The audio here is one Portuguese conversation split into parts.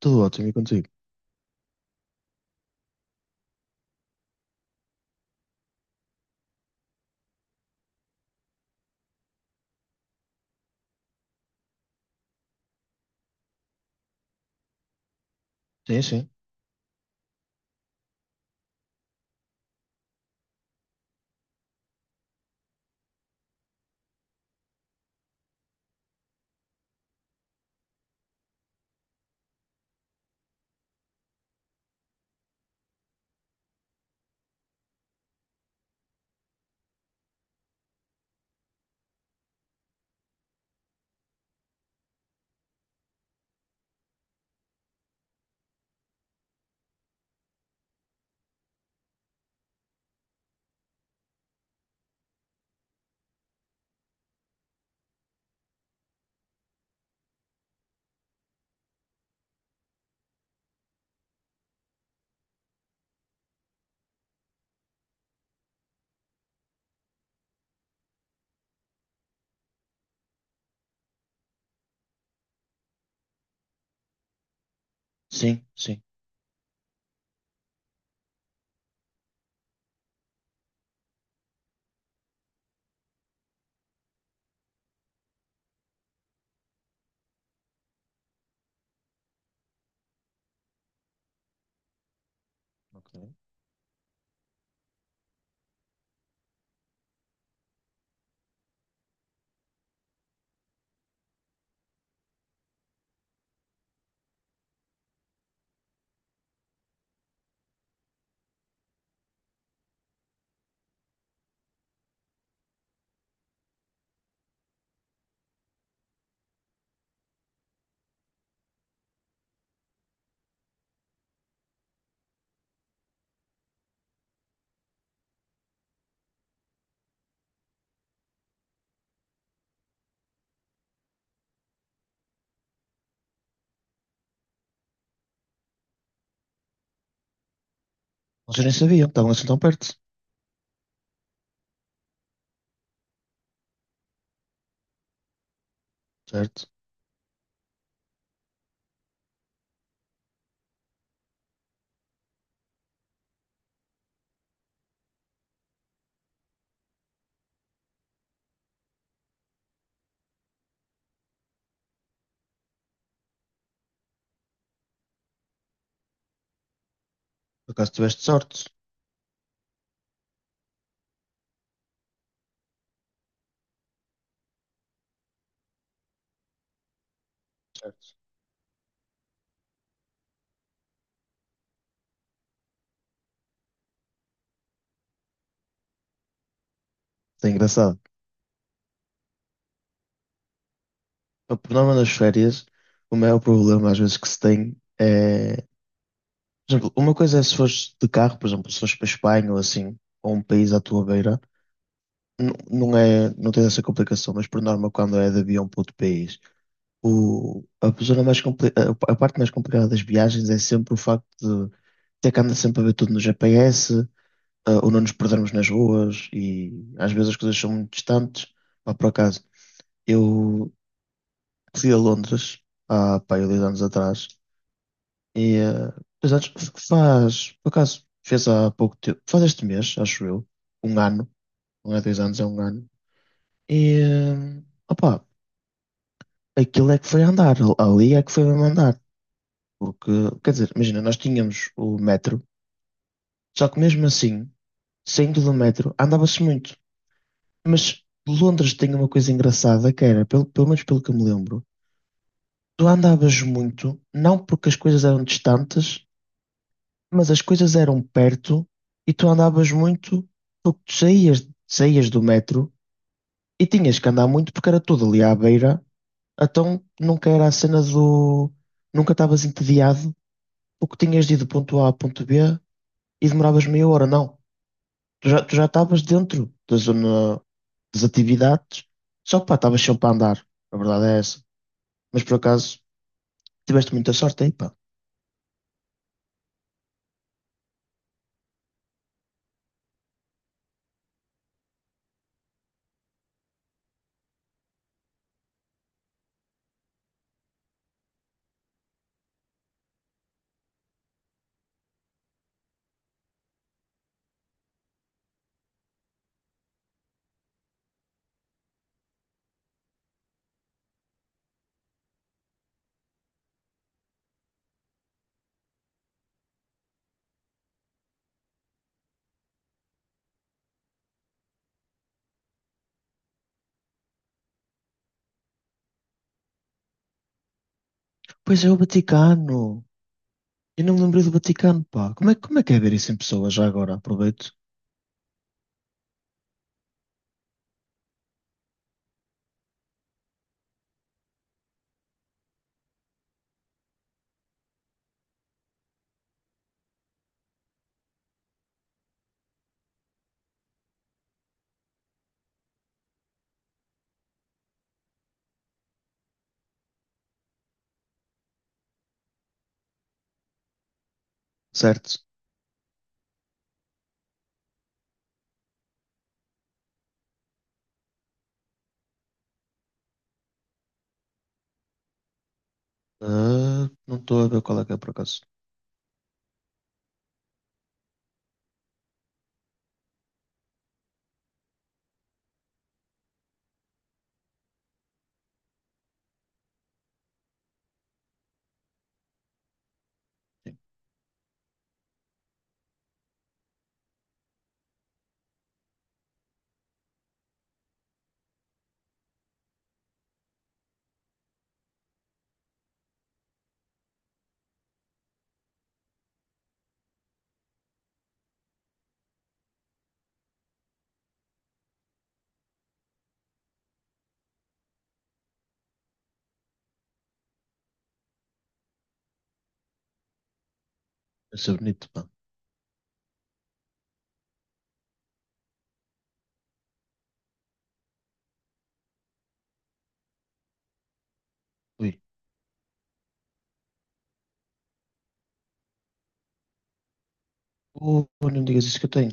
Tudo ótimo e contigo? Sim, sim. Sim, sim. Ok. Vocês nem sabiam, estavam assim tão perto, certo? Por acaso tiveste sorte, certo? É engraçado. O problema nas férias, o maior problema às vezes que se tem é... Por exemplo, uma coisa é se fores de carro, por exemplo, se fores para a Espanha ou assim, ou um país à tua beira, não é, não tens essa complicação, mas por norma, quando é de avião para outro país, zona mais a parte mais complicada das viagens é sempre o facto de ter que andar sempre a ver tudo no GPS, ou não nos perdermos nas ruas e às vezes as coisas são muito distantes. Pá, por acaso, eu fui a Londres há, pá, aí dois anos atrás e dois anos faz, por acaso, fez há pouco tempo, faz este mês, acho eu, um ano, não é dois anos, é um ano. E, opá, aquilo é que foi andar, ali é que foi mesmo andar. Porque, quer dizer, imagina, nós tínhamos o metro, só que mesmo assim, saindo do metro, andava-se muito. Mas Londres tinha uma coisa engraçada que era, pelo menos pelo que eu me lembro, tu andavas muito, não porque as coisas eram distantes, mas as coisas eram perto e tu andavas muito porque saías do metro e tinhas que andar muito porque era tudo ali à beira, então nunca era a cena do... Nunca estavas entediado porque tinhas de ir do ponto A ao ponto B e demoravas meia hora, não. Tu já estavas dentro da zona das atividades, só que pá, estavas sempre a andar, a verdade é essa. Mas por acaso tiveste muita sorte aí, pá. Pois é, o Vaticano. Eu não me lembrei do Vaticano, pá. Como é que é ver isso em pessoa? Já agora, aproveito. Certo. Ah, não estou a ver qual é que é, por acaso. Sim. Deve ser bonito, pá. Ui. Oh, não me digas isso, que eu tenho.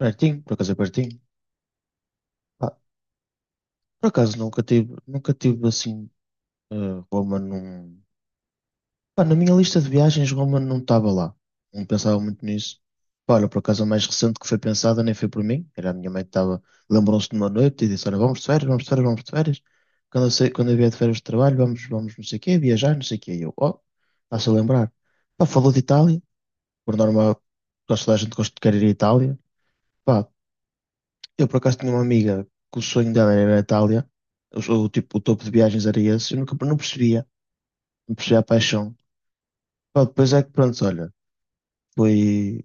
Pertinho, por acaso é pertinho. Pá, por acaso nunca tive assim, eh, Roma num... Pá, na minha lista de viagens, Roma não estava lá. Não pensava muito nisso. Pá, olha, por acaso a mais recente que foi pensada nem foi por mim. Era a minha mãe que estava. Lembrou-se de uma noite e disse: Olha, vamos de férias, vamos de férias, vamos de férias. Quando eu, sei, quando eu vier de férias de trabalho, vamos, vamos não sei o quê, viajar, não sei o quê. E eu, oh, está-se a lembrar. Pá, falou de Itália. Por norma, quase toda a gente gosta de querer ir à Itália. Pá, eu por acaso tinha uma amiga que o sonho dela era a Itália, o tipo, o topo de viagens era esse, eu nunca não percebia, não percebia a paixão. Pá, depois é que pronto, olha, fui,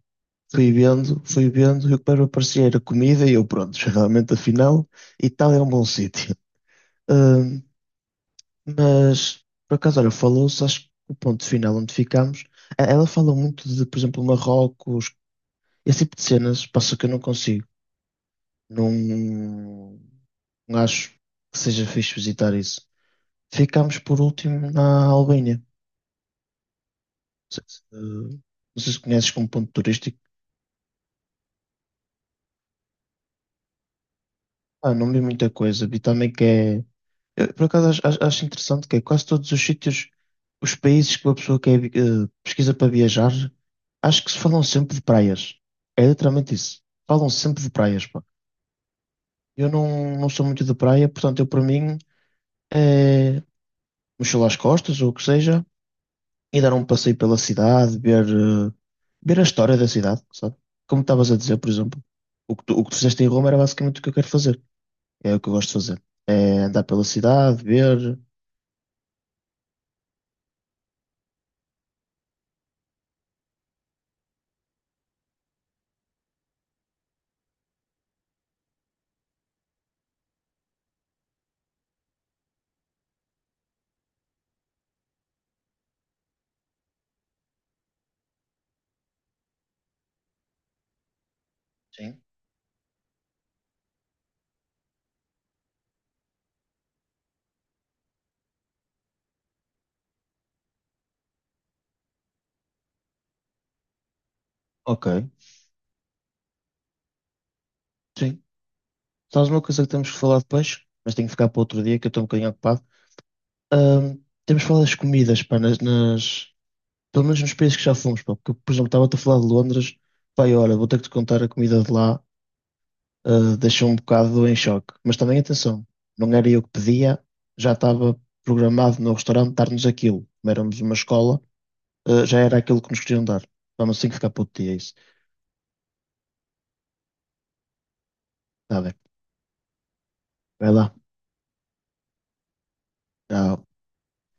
fui vendo, e o que mais me aparecia era comida e eu pronto, realmente afinal, Itália é um bom sítio. Ahm, mas por acaso, olha, falou-se, acho que o ponto final onde ficámos, ela fala muito de, por exemplo, Marrocos, esse tipo de cenas, passa que eu não consigo. Não, não acho que seja fixe visitar isso. Ficámos por último na Albânia. Não sei se, não sei se conheces como ponto turístico. Ah, não vi muita coisa. Vi também que é... Eu, por acaso acho interessante que é quase todos os sítios, os países que uma pessoa quer, pesquisa para viajar, acho que se falam sempre de praias. É literalmente isso. Falam sempre de praias, pá. Eu não, não sou muito de praia, portanto, eu para mim é mochila às costas ou o que seja. E dar um passeio pela cidade, ver, ver a história da cidade, sabe? Como estavas a dizer, por exemplo, o que tu fizeste em Roma era basicamente o que eu quero fazer. É o que eu gosto de fazer. É andar pela cidade, ver. Sim. Ok, sim. Sabes uma coisa que temos que falar depois, mas tenho que ficar para outro dia, que eu estou um bocadinho ocupado. Ahm, temos que falar das comidas, pá, pelo menos nos países que já fomos, pá, porque, por exemplo, estava-te a falar de Londres, pá, e olha, vou ter que te contar a comida de lá, deixou um bocado em choque. Mas também atenção, não era eu que pedia, já estava programado no restaurante dar-nos aquilo. Como éramos uma escola, já era aquilo que nos queriam dar. Vamos assim que ficar puto dia isso. Está bem, vai lá. Tchau.